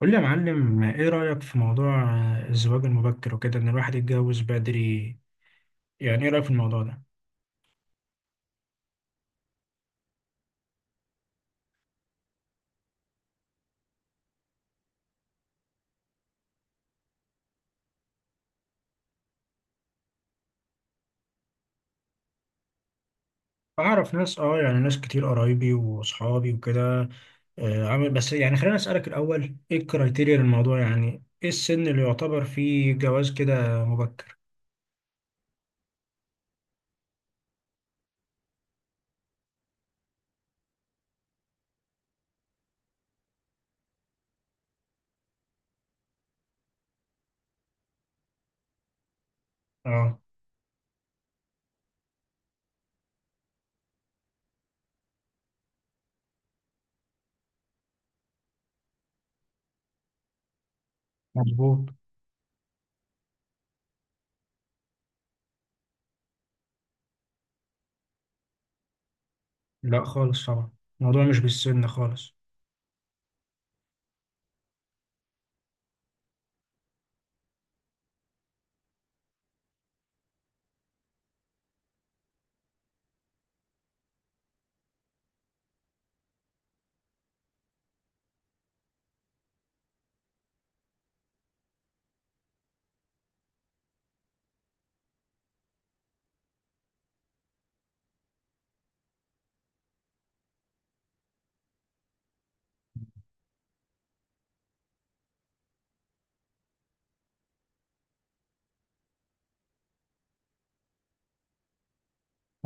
قول لي يا معلم، ايه رأيك في موضوع الزواج المبكر وكده، ان الواحد يتجوز بدري؟ يعني ايه رأيك في الموضوع ده؟ اعرف ناس، يعني ناس كتير، قرايبي واصحابي وكده. عامل. بس يعني خلينا اسألك الاول، ايه الكرايتيريا للموضوع؟ يعني ايه السن اللي يعتبر فيه جواز كده مبكر؟ اه، مظبوط. لا خالص طبعا، الموضوع مش بالسن خالص.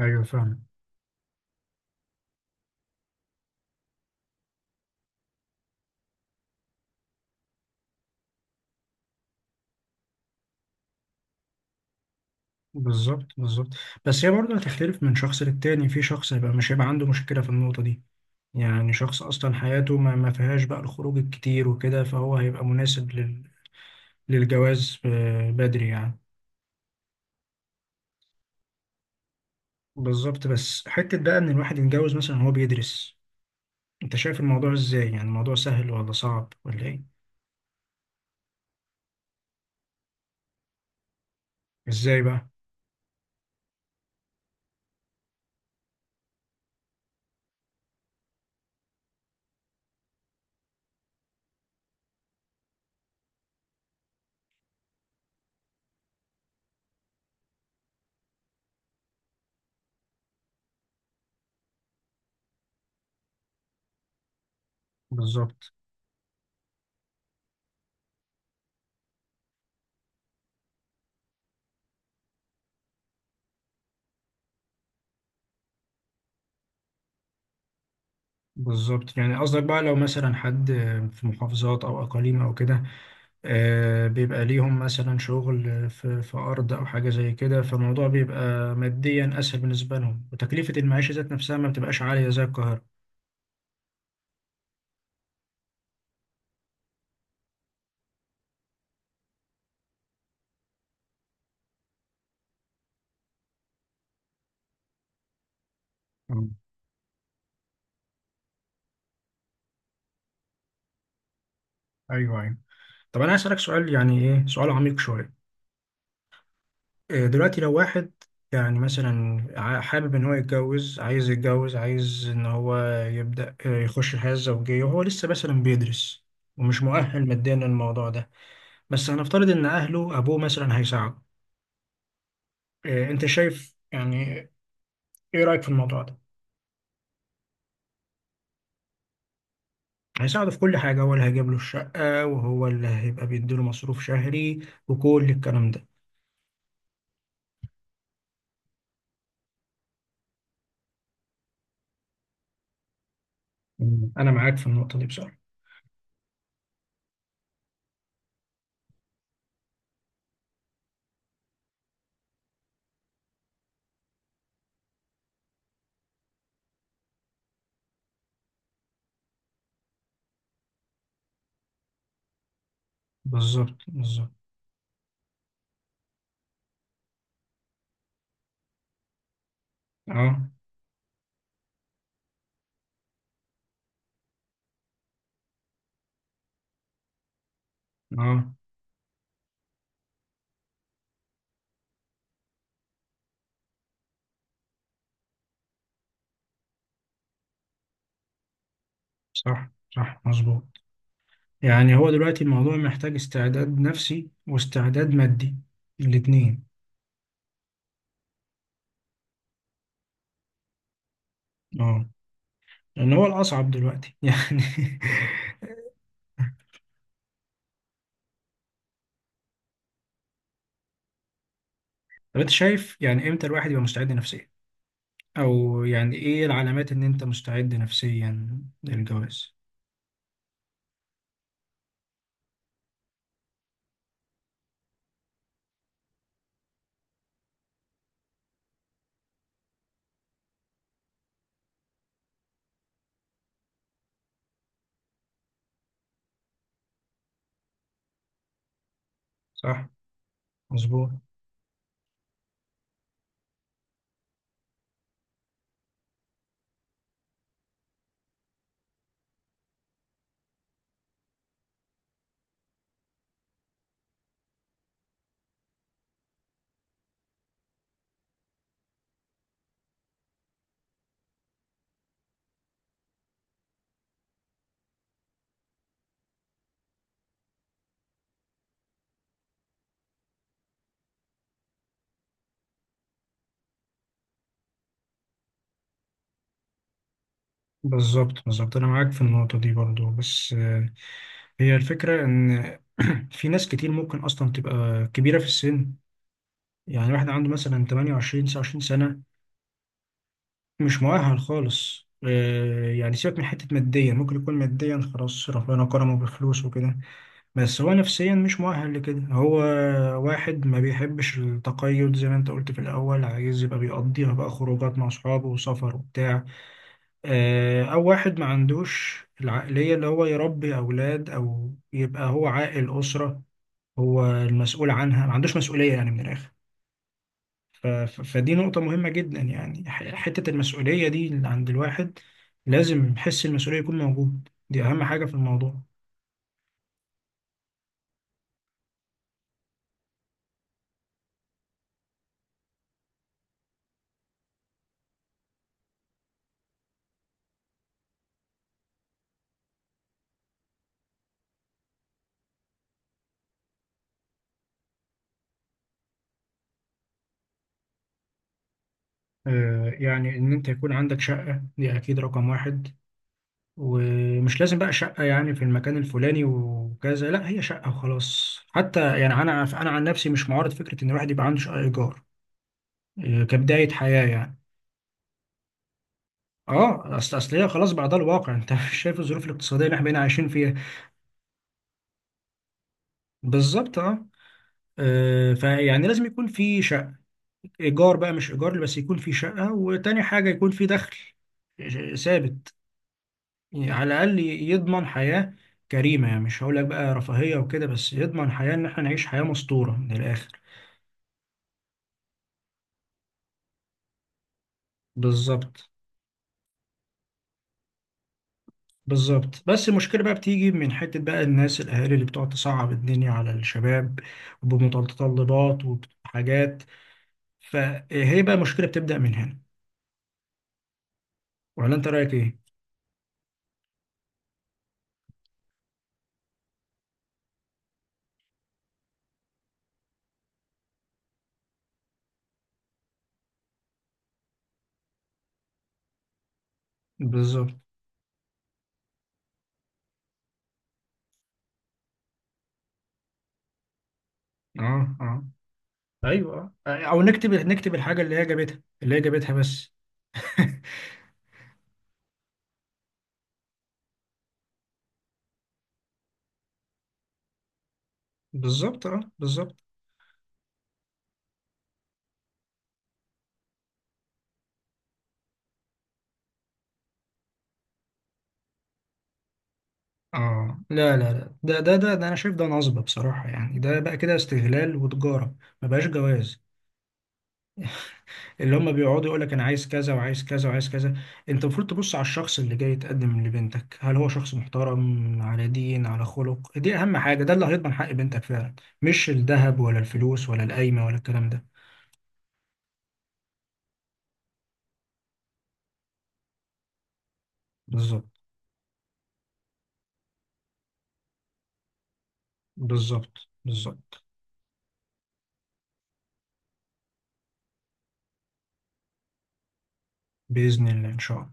ايوه فاهم. بالظبط، بالظبط. بس هي برضه هتختلف من شخص للتاني، في شخص مش هيبقى عنده مشكلة في النقطة دي. يعني شخص أصلا حياته ما فيهاش بقى الخروج الكتير وكده، فهو هيبقى مناسب للجواز بدري يعني. بالظبط. بس حتة بقى إن الواحد يتجوز مثلا وهو بيدرس، أنت شايف الموضوع إزاي؟ يعني الموضوع سهل ولا صعب ولا إيه؟ إزاي بقى؟ بالظبط، بالظبط. يعني قصدك بقى لو مثلا حد في محافظات أو أقاليم أو كده، بيبقى ليهم مثلا شغل في أرض أو حاجة زي كده، فالموضوع بيبقى ماديا أسهل بالنسبة لهم، وتكلفة المعيشة ذات نفسها ما بتبقاش عالية زي القاهرة. مم. ايوه، ايوه. طب انا هسألك سؤال، يعني ايه سؤال عميق شويه. إيه دلوقتي لو واحد، يعني مثلا حابب ان هو يتجوز، عايز يتجوز، عايز ان هو يبدأ، يخش الحياه الزوجيه وهو لسه مثلا بيدرس ومش مؤهل ماديا للموضوع ده، بس هنفترض ان اهله ابوه مثلا هيساعده. إيه انت شايف يعني؟ ايه رأيك في الموضوع ده؟ هيساعده في كل حاجه، هو اللي هيجيب له الشقه وهو اللي هيبقى بيديله مصروف شهري، وكل الكلام ده. مم. انا معاك في النقطه دي بصراحه. بالظبط، بالظبط. اه، اه. صح، صح، مظبوط. يعني هو دلوقتي الموضوع محتاج استعداد نفسي واستعداد مادي، الاتنين. اه، لان هو الاصعب دلوقتي يعني. طب انت شايف يعني امتى الواحد يبقى مستعد نفسيا؟ او يعني ايه العلامات ان انت مستعد نفسيا للجواز؟ صح، مظبوط. بالظبط، بالظبط. انا معاك في النقطة دي برضو، بس. هي الفكرة ان في ناس كتير ممكن اصلا تبقى كبيرة في السن، يعني واحد عنده مثلا 28، 29 سنة، مش مؤهل خالص. يعني سيبك من حتة ماديا، ممكن يكون ماديا خلاص ربنا كرمه بفلوس وكده، بس هو نفسيا مش مؤهل لكده. هو واحد ما بيحبش التقيد، زي ما انت قلت في الأول، عايز يبقى بيقضيها بقى خروجات مع أصحابه وسفر وبتاع. أو واحد ما عندوش العقلية اللي هو يربي أولاد، أو يبقى هو عاقل أسرة هو المسؤول عنها. ما عندوش مسؤولية يعني من الآخر. فدي نقطة مهمة جدا، يعني حتة المسؤولية دي اللي عند الواحد، لازم حس المسؤولية يكون موجود، دي أهم حاجة في الموضوع. يعني إن أنت يكون عندك شقة دي أكيد رقم واحد، ومش لازم بقى شقة يعني في المكان الفلاني وكذا. لا، هي شقة وخلاص. حتى يعني أنا عن نفسي مش معارض فكرة إن الواحد يبقى عنده شقة إيجار كبداية حياة يعني. اه، اصل هي خلاص بقى، ده الواقع. انت مش شايف الظروف الاقتصاديه اللي احنا بقينا عايشين فيها. بالظبط، اه. فيعني لازم يكون في شقه، ايجار بقى مش ايجار بس يكون في شقه. وتاني حاجه يكون في دخل ثابت، يعني على الاقل يضمن حياه كريمه. يعني مش هقول لك بقى رفاهيه وكده، بس يضمن حياه ان احنا نعيش حياه مستوره من الاخر. بالظبط، بالظبط. بس المشكله بقى بتيجي من حته بقى الناس، الاهالي اللي بتقعد تصعب الدنيا على الشباب بمتطلبات وحاجات، فهي بقى مشكله بتبدا من هنا. ولا انت رايك ايه؟ بالظبط، اه، اه. ايوه، او نكتب الحاجه اللي هي جابتها بس. بالظبط، اه، بالظبط. اه، لا لا لا، ده انا شايف ده نصب بصراحه، يعني ده بقى كده استغلال وتجاره، ما بقاش جواز. اللي هم بيقعدوا يقول لك انا عايز كذا وعايز كذا وعايز كذا. انت المفروض تبص على الشخص اللي جاي يتقدم لبنتك، هل هو شخص محترم، على دين، على خلق؟ دي اهم حاجه، ده اللي هيضمن حق بنتك فعلا، مش الذهب ولا الفلوس ولا القايمه ولا الكلام ده. بالظبط، بالظبط، بالظبط. باذن الله، ان شاء الله.